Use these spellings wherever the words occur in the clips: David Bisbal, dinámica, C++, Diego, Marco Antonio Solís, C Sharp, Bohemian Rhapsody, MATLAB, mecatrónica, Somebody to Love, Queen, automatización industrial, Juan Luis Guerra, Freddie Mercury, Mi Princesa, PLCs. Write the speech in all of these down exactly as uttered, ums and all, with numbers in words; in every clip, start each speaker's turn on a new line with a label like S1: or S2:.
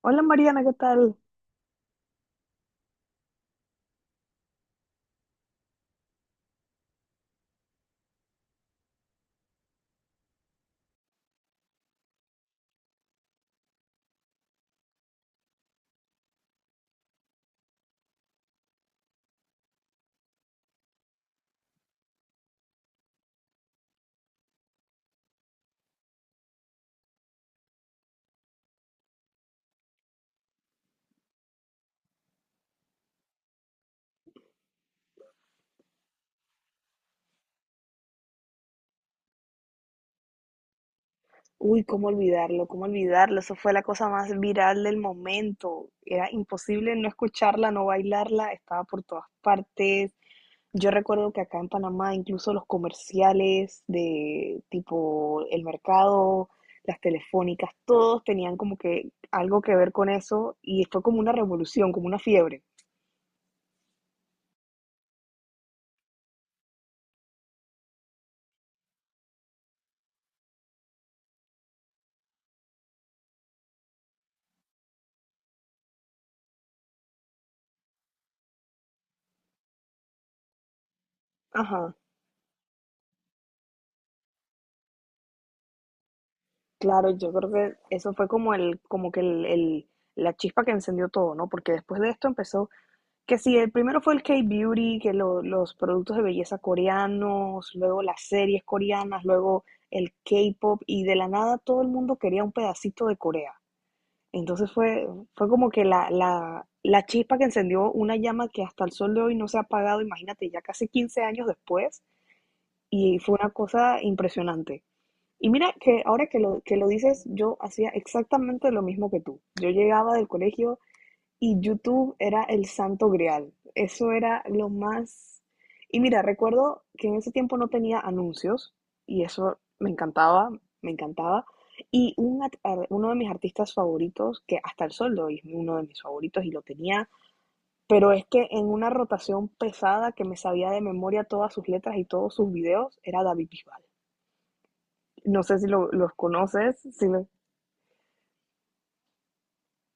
S1: Hola Mariana, ¿qué tal? Uy, cómo olvidarlo, cómo olvidarlo. Eso fue la cosa más viral del momento. Era imposible no escucharla, no bailarla. Estaba por todas partes. Yo recuerdo que acá en Panamá, incluso los comerciales de tipo el mercado, las telefónicas, todos tenían como que algo que ver con eso y fue como una revolución, como una fiebre. Ajá, claro, yo creo que eso fue como el, como que el, el- la chispa que encendió todo, ¿no? Porque después de esto empezó Que sí, el primero fue el K-Beauty, que lo- los productos de belleza coreanos, luego las series coreanas, luego el K-pop, y de la nada todo el mundo quería un pedacito de Corea. Entonces fue, fue como que la, la, la chispa que encendió una llama que hasta el sol de hoy no se ha apagado, imagínate, ya casi quince años después, y fue una cosa impresionante. Y mira que ahora que lo, que lo dices, yo hacía exactamente lo mismo que tú. Yo llegaba del colegio, y YouTube era el santo grial. Eso era lo más... Y mira, recuerdo que en ese tiempo no tenía anuncios y eso me encantaba, me encantaba. Y un at- ar- uno de mis artistas favoritos, que hasta el sol de hoy es uno de mis favoritos y lo tenía, pero es que en una rotación pesada que me sabía de memoria todas sus letras y todos sus videos, era David Bisbal. No sé si lo- los conoces, si lo-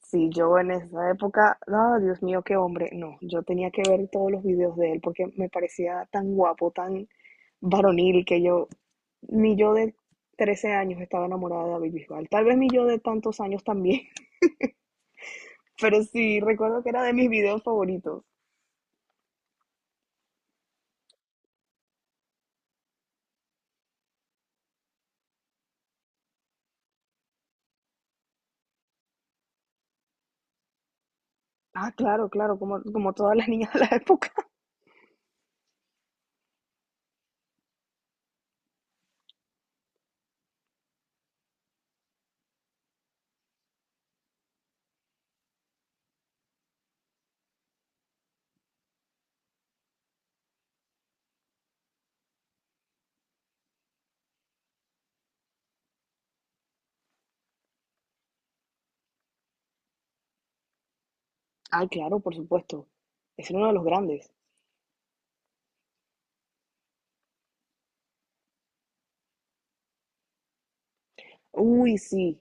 S1: Sí, yo en esa época, ah, Dios mío, qué hombre. No, yo tenía que ver todos los videos de él porque me parecía tan guapo, tan varonil que yo, ni yo de trece años estaba enamorada de David Bisbal. Tal vez ni yo de tantos años también, pero sí, recuerdo que era de mis videos favoritos. Ah, claro, claro, como, como todas las niñas de la época. Ah, claro, por supuesto. Es uno de los grandes. Uy, sí.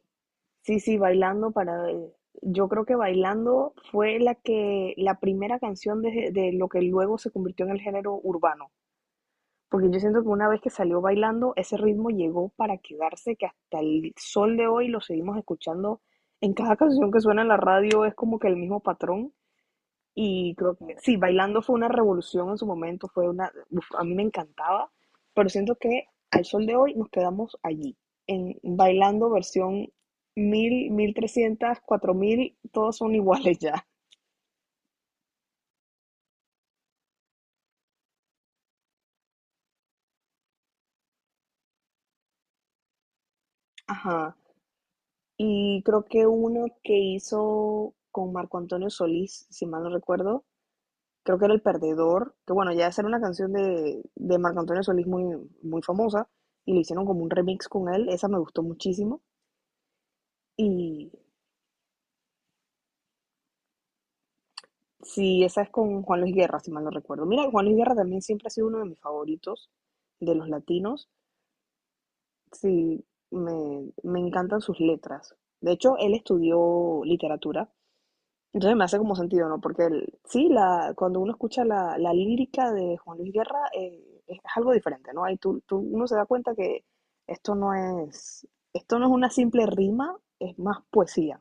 S1: Sí, sí, Bailando para eh, Yo creo que Bailando fue la que la primera canción de, de lo que luego se convirtió en el género urbano, porque yo siento que una vez que salió Bailando, ese ritmo llegó para quedarse, que hasta el sol de hoy lo seguimos escuchando en cada canción que suena en la radio, es como que el mismo patrón. Y creo que sí, bailando fue una revolución en su momento, fue una, uf, a mí me encantaba, pero siento que al sol de hoy nos quedamos allí, en bailando versión mil mil trescientas cuatro mil todos son iguales ya. Ajá. Y creo que uno que hizo con Marco Antonio Solís, si mal no recuerdo, creo que era El Perdedor, que bueno, ya esa era una canción de, de Marco Antonio Solís muy, muy famosa, y le hicieron como un remix con él, esa me gustó muchísimo. Y Sí, esa es con Juan Luis Guerra, si mal no recuerdo. Mira, Juan Luis Guerra también siempre ha sido uno de mis favoritos de los latinos. Sí, me, me encantan sus letras. De hecho, él estudió literatura, entonces me hace como sentido, ¿no? Porque él, sí, la, cuando uno escucha la, la lírica de Juan Luis Guerra, eh, es algo diferente, ¿no? Ahí tú, tú- uno se da cuenta que esto no es, esto no es una simple rima, es más poesía.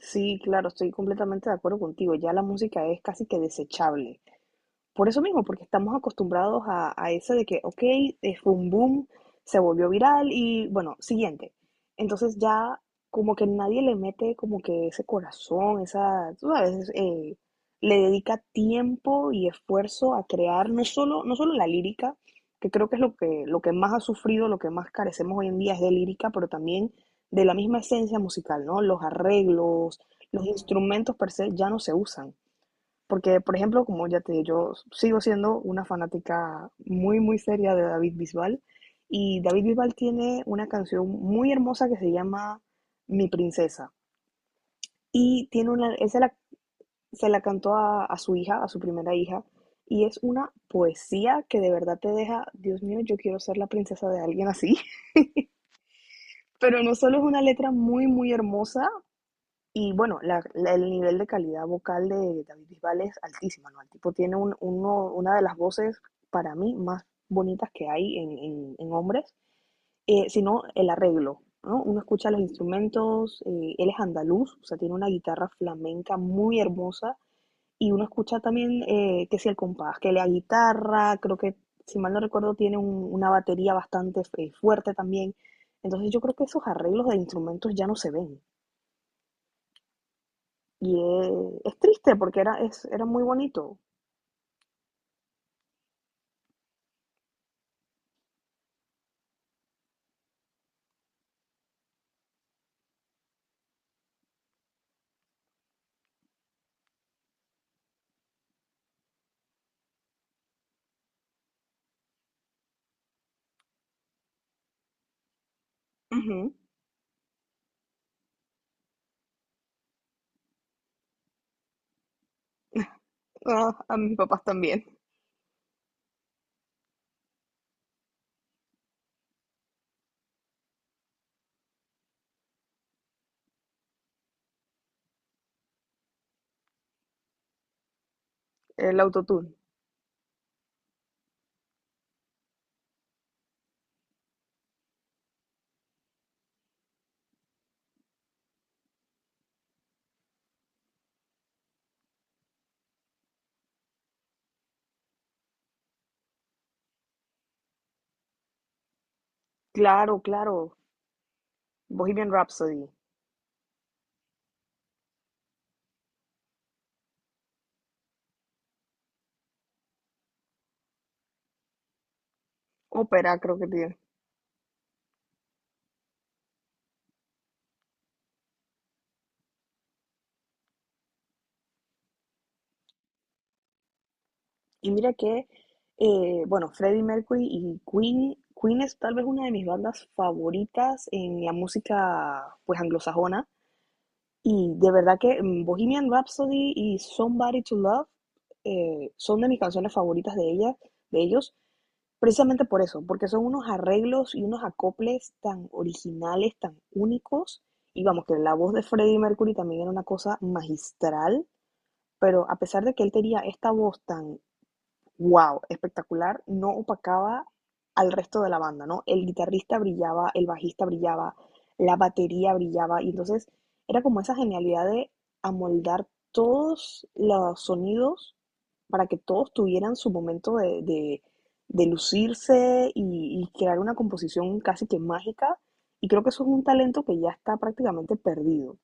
S1: Sí, claro, estoy completamente de acuerdo contigo. Ya la música es casi que desechable. Por eso mismo, porque estamos acostumbrados a, a eso de que, ok, eh, fue un boom, se volvió viral y bueno, siguiente. Entonces ya como que nadie le mete como que ese corazón, esa, tú sabes, eh, le dedica tiempo y esfuerzo a crear no solo, no solo la lírica, que creo que es lo que, lo que más ha sufrido, lo que más carecemos hoy en día es de lírica, pero también de la misma esencia musical, ¿no? Los arreglos, los instrumentos per se ya no se usan. Porque, por ejemplo, como ya te dije, yo sigo siendo una fanática muy, muy seria de David Bisbal. Y David Bisbal tiene una canción muy hermosa que se llama Mi Princesa. Y tiene una, él se la, se la cantó a, a su hija, a su primera hija. Y es una poesía que de verdad te deja, Dios mío, yo quiero ser la princesa de alguien así. Pero no solo es una letra muy, muy hermosa, Y bueno, la, la- el nivel de calidad vocal de David Bisbal es altísima, ¿no? El tipo tiene un- uno- una de las voces, para mí, más bonitas que hay en, en- en hombres, eh, sino el arreglo, ¿no? Uno escucha los instrumentos, eh, él es andaluz, o sea, tiene una guitarra flamenca muy hermosa, y uno escucha también eh, que si el compás, que la guitarra, creo que, si mal no recuerdo, tiene un- una batería bastante eh, fuerte también. Entonces yo creo que esos arreglos de instrumentos ya no se ven. Y eh, es triste porque era, es, era muy bonito. Ujú. Ah, a mis papás también. El autotune. Claro, claro. Bohemian Rhapsody. Ópera creo que tiene. Y mira que, eh, bueno, Freddie Mercury y Queen, Queen es tal vez una de mis bandas favoritas en la música, pues, anglosajona. Y de verdad que mm, Bohemian Rhapsody y Somebody to Love eh, son de mis canciones favoritas de ella, de ellos. Precisamente por eso, porque son unos arreglos y unos acoples tan originales, tan únicos. Y vamos, que la voz de Freddie Mercury también era una cosa magistral, pero a pesar de que él tenía esta voz tan wow, espectacular, no opacaba al resto de la banda, ¿no? El guitarrista brillaba, el bajista brillaba, la batería brillaba, y entonces era como esa genialidad de amoldar todos los sonidos para que todos tuvieran su momento de, de- de lucirse y, y crear una composición casi que mágica, y creo que eso es un talento que ya está prácticamente perdido.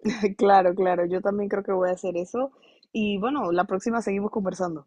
S1: Claro, claro, yo también creo que voy a hacer eso, y bueno, la próxima seguimos conversando.